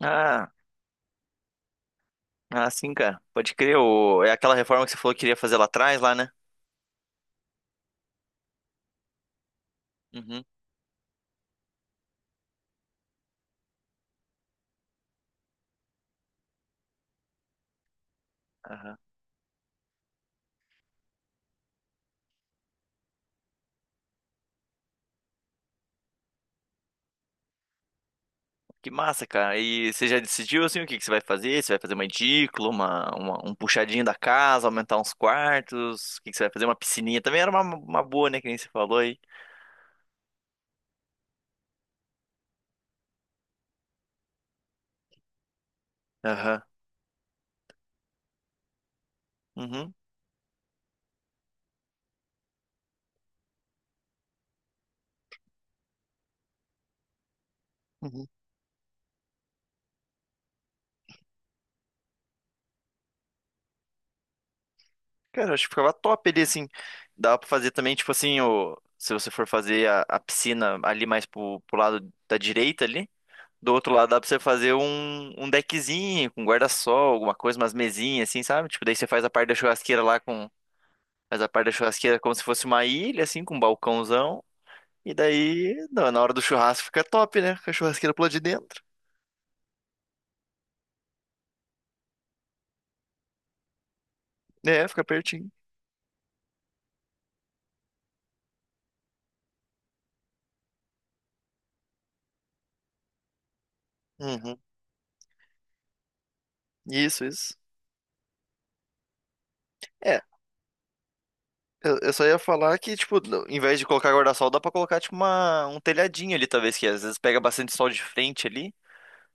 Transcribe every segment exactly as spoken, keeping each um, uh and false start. Ah, ah, sim, cara. Pode crer. O... É aquela reforma que você falou que queria fazer lá atrás, lá, né? Uhum. Aham. Que massa, cara. E você já decidiu, assim, o que que você vai fazer? Você vai fazer uma edícula, uma, uma- um puxadinho da casa, aumentar uns quartos? O que que você vai fazer? Uma piscininha também era uma, uma boa, né? Que nem você falou aí. Aham. Uhum. Uhum. Cara, eu acho que ficava top ali, assim. Dava pra fazer também, tipo assim, o... se você for fazer a, a piscina ali mais pro, pro lado da direita ali. Do outro lado dá pra você fazer um, um deckzinho com guarda-sol, alguma coisa, umas mesinhas assim, sabe? Tipo, daí você faz a parte da churrasqueira lá com. Faz a parte da churrasqueira como se fosse uma ilha, assim, com um balcãozão. E daí, na na hora do churrasco fica top, né? Com a churrasqueira pro lado de dentro. É, fica pertinho. Uhum. Isso, isso. É, eu, eu só ia falar que, tipo, no- em vez de colocar guarda-sol, dá pra colocar, tipo, uma, um telhadinho ali, talvez, que às vezes pega bastante sol de frente ali.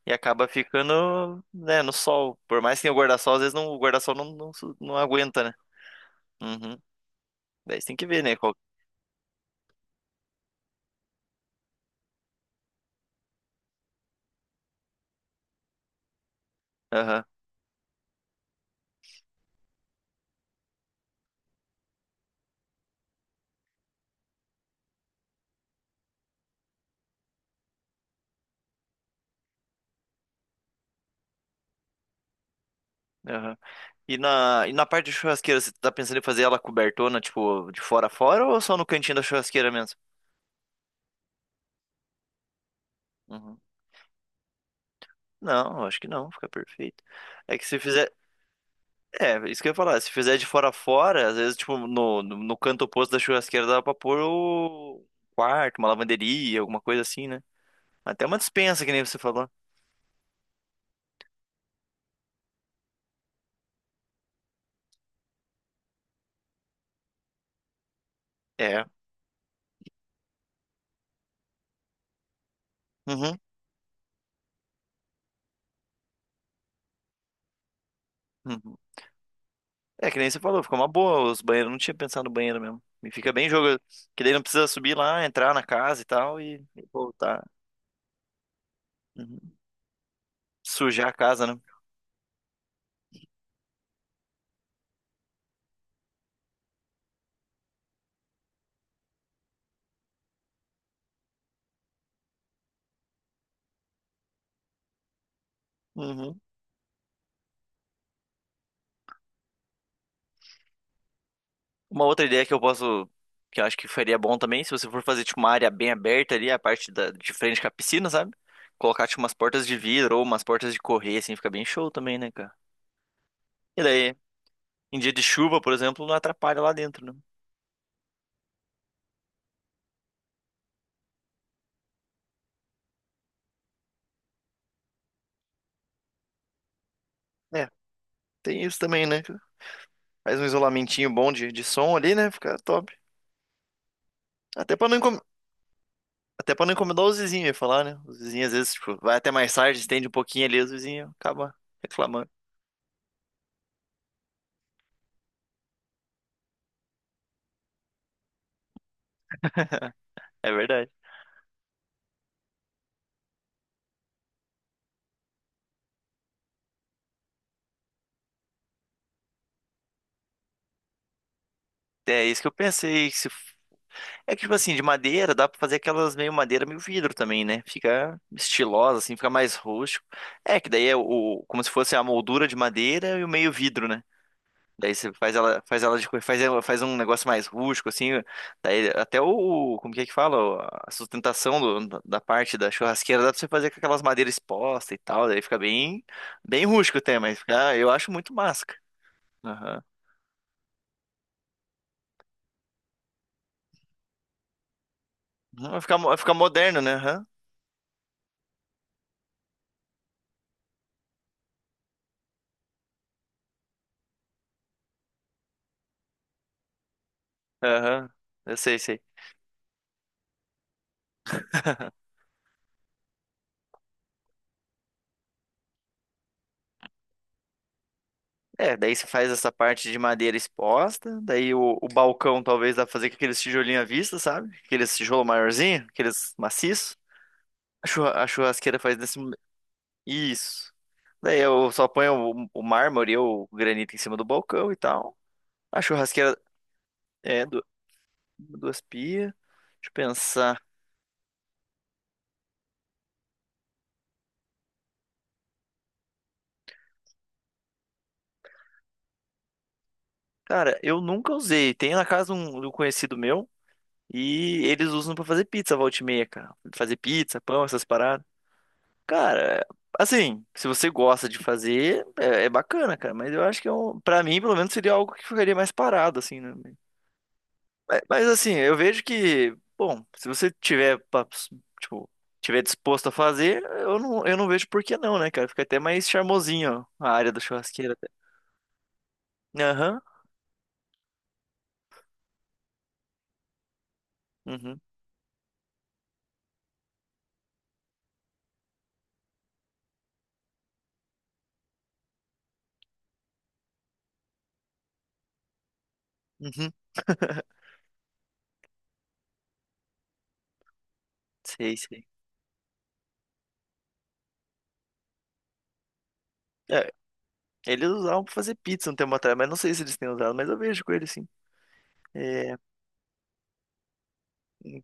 E acaba ficando, né, no sol. Por mais que tenha o guarda-sol, às vezes não, o guarda-sol não, não, su- não aguenta, né? Uhum. Daí você tem que ver, né? Qual... Aham, aham. E na, e na parte de churrasqueira, você tá pensando em fazer ela cobertona, tipo, de fora a fora ou só no cantinho da churrasqueira mesmo? Uhum. Não, eu acho que não, fica perfeito. É que se fizer. É, isso que eu ia falar, se fizer de fora a fora, às vezes, tipo, no, no, no canto oposto da churrasqueira dá pra pôr o quarto, uma lavanderia, alguma coisa assim, né? Até uma despensa, que nem você falou. É. Uhum. Uhum. É, que nem você falou, ficou uma boa os banheiros. Eu não tinha pensado no banheiro mesmo. E fica bem jogo, que daí não precisa subir lá, entrar na casa e tal e, e voltar. Uhum. Sujar a casa, né? Uhum. Uma outra ideia que eu posso, que eu acho que faria bom também, se você for fazer tipo uma área bem aberta ali, a parte da, de frente com a piscina, sabe? Colocar tipo umas portas de vidro ou umas portas de correr, assim, fica bem show também, né, cara? E daí, em dia de chuva, por exemplo, não atrapalha lá dentro, né? É, tem isso também, né, cara? Faz um isolamentinho bom de, de som ali, né? Fica top. Até pra não, incom- Até pra não incomodar os vizinhos, ia falar, né? Os vizinhos às vezes, tipo, vai até mais tarde, estende um pouquinho ali, os vizinhos acabam reclamando. É verdade. É isso que eu pensei. Que se... É que, tipo assim, de madeira, dá pra fazer aquelas meio madeira, meio vidro também, né? Fica estilosa, assim, fica mais rústico. É, que daí é o, como se fosse a moldura de madeira e o meio vidro, né? Daí você faz ela, faz ela de, co- faz, ela- faz um negócio mais rústico, assim. Daí até o, como que é que fala? A sustentação do- da parte da churrasqueira dá pra você fazer com aquelas madeiras expostas e tal. Daí fica bem, bem rústico até, mas fica, eu acho muito máscara. Aham. Uhum. Vai ficar, mo- vai ficar moderno, né? Aham. Aham. Eu sei, sei. É, daí você faz essa parte de madeira exposta, daí o, o balcão talvez dá pra fazer com aqueles tijolinhos à vista, sabe? Aqueles tijolo maiorzinho, aqueles maciços. A churra- a churrasqueira faz nesse. Isso. Daí eu só ponho o, o mármore ou o granito em cima do balcão e tal. A churrasqueira é du- duas pias. Deixa eu pensar. Cara, eu nunca usei. Tem na casa um, de um conhecido meu e eles usam pra fazer pizza volta e meia, cara. Fazer pizza, pão, essas paradas. Cara, assim, se você gosta de fazer, é, é bacana, cara. Mas eu acho que é um, pra mim, pelo menos, seria algo que ficaria mais parado, assim, né? Mas, mas, assim, eu vejo que, bom, se você tiver, pa- tipo, tiver disposto a fazer, eu não, eu não vejo por que não, né, cara? Fica até mais charmosinho, ó, a área da churrasqueira. Até. Aham, uhum, uhum. Sei, sei. É, eles usavam pra fazer pizza um tempo atrás, mas não sei se eles têm usado, mas eu vejo com eles sim. É, hum,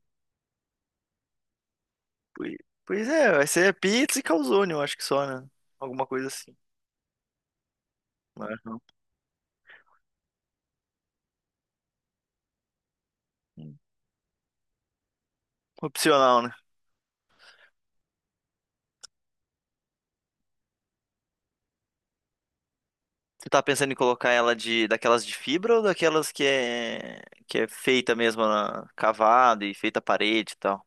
poi- pois é, vai ser pizza e calzone, eu acho que só, né? Alguma coisa assim. Aham. Opcional, né? Tu tá pensando em colocar ela de daquelas de fibra ou daquelas que é que é feita mesmo na, cavada e feita à parede e tal?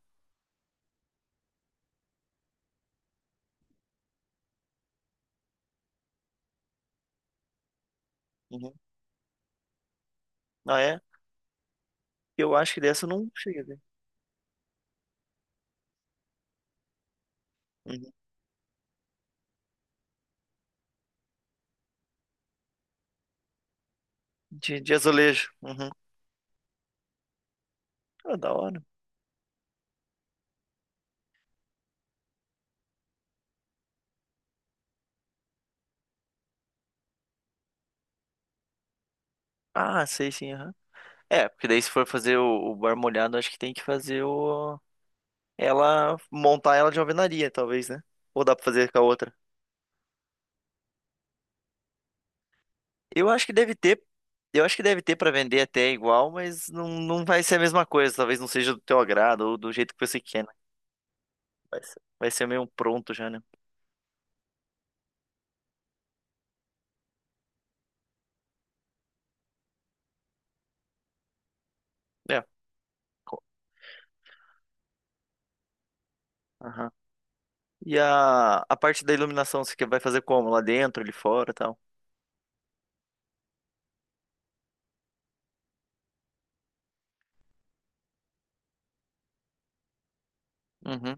Uhum. Ah, é? Eu acho que dessa eu não cheguei a ver. Uhum. De, de azulejo. Uhum. Ah, da hora. Ah, sei sim, aham. É, porque daí se for fazer o, o bar molhado, acho que tem que fazer o... Ela... Montar ela de alvenaria, talvez, né? Ou dá pra fazer com a outra? Eu acho que deve ter, eu acho que deve ter para vender até igual, mas não, não vai ser a mesma coisa. Talvez não seja do teu agrado ou do jeito que você quer, né? Vai ser, vai ser meio um pronto já, né? É. Co-. Aham. E a, a parte da iluminação, você que- vai fazer como? Lá dentro, ali fora, e tal? Uhum.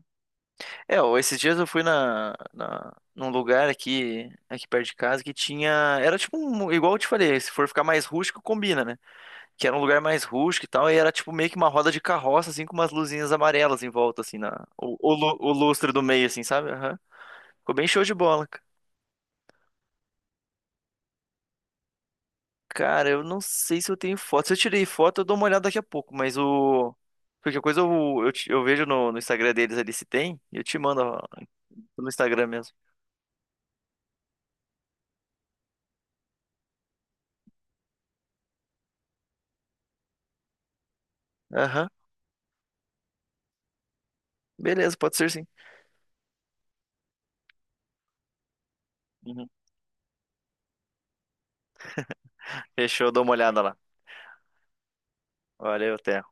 É, ó, esses dias eu fui na, na, num lugar aqui, aqui perto de casa que tinha. Era tipo um. Igual eu te falei, se for ficar mais rústico, combina, né? Que era um lugar mais rústico e tal, e era tipo meio que uma roda de carroça, assim, com umas luzinhas amarelas em volta, assim, na... o, o, lu- o lustre do meio, assim, sabe? Aham. Ficou bem show de bola. ca- Cara, eu não sei se eu tenho foto. Se eu tirei foto, eu dou uma olhada daqui a pouco, mas o. Qualquer coisa eu, eu, te- eu vejo no, no Instagram deles ali se tem, e eu te mando ó, no Instagram mesmo. Aham, beleza, pode ser sim. Uhum. Fechou, eu dou uma olhada lá. Valeu, até.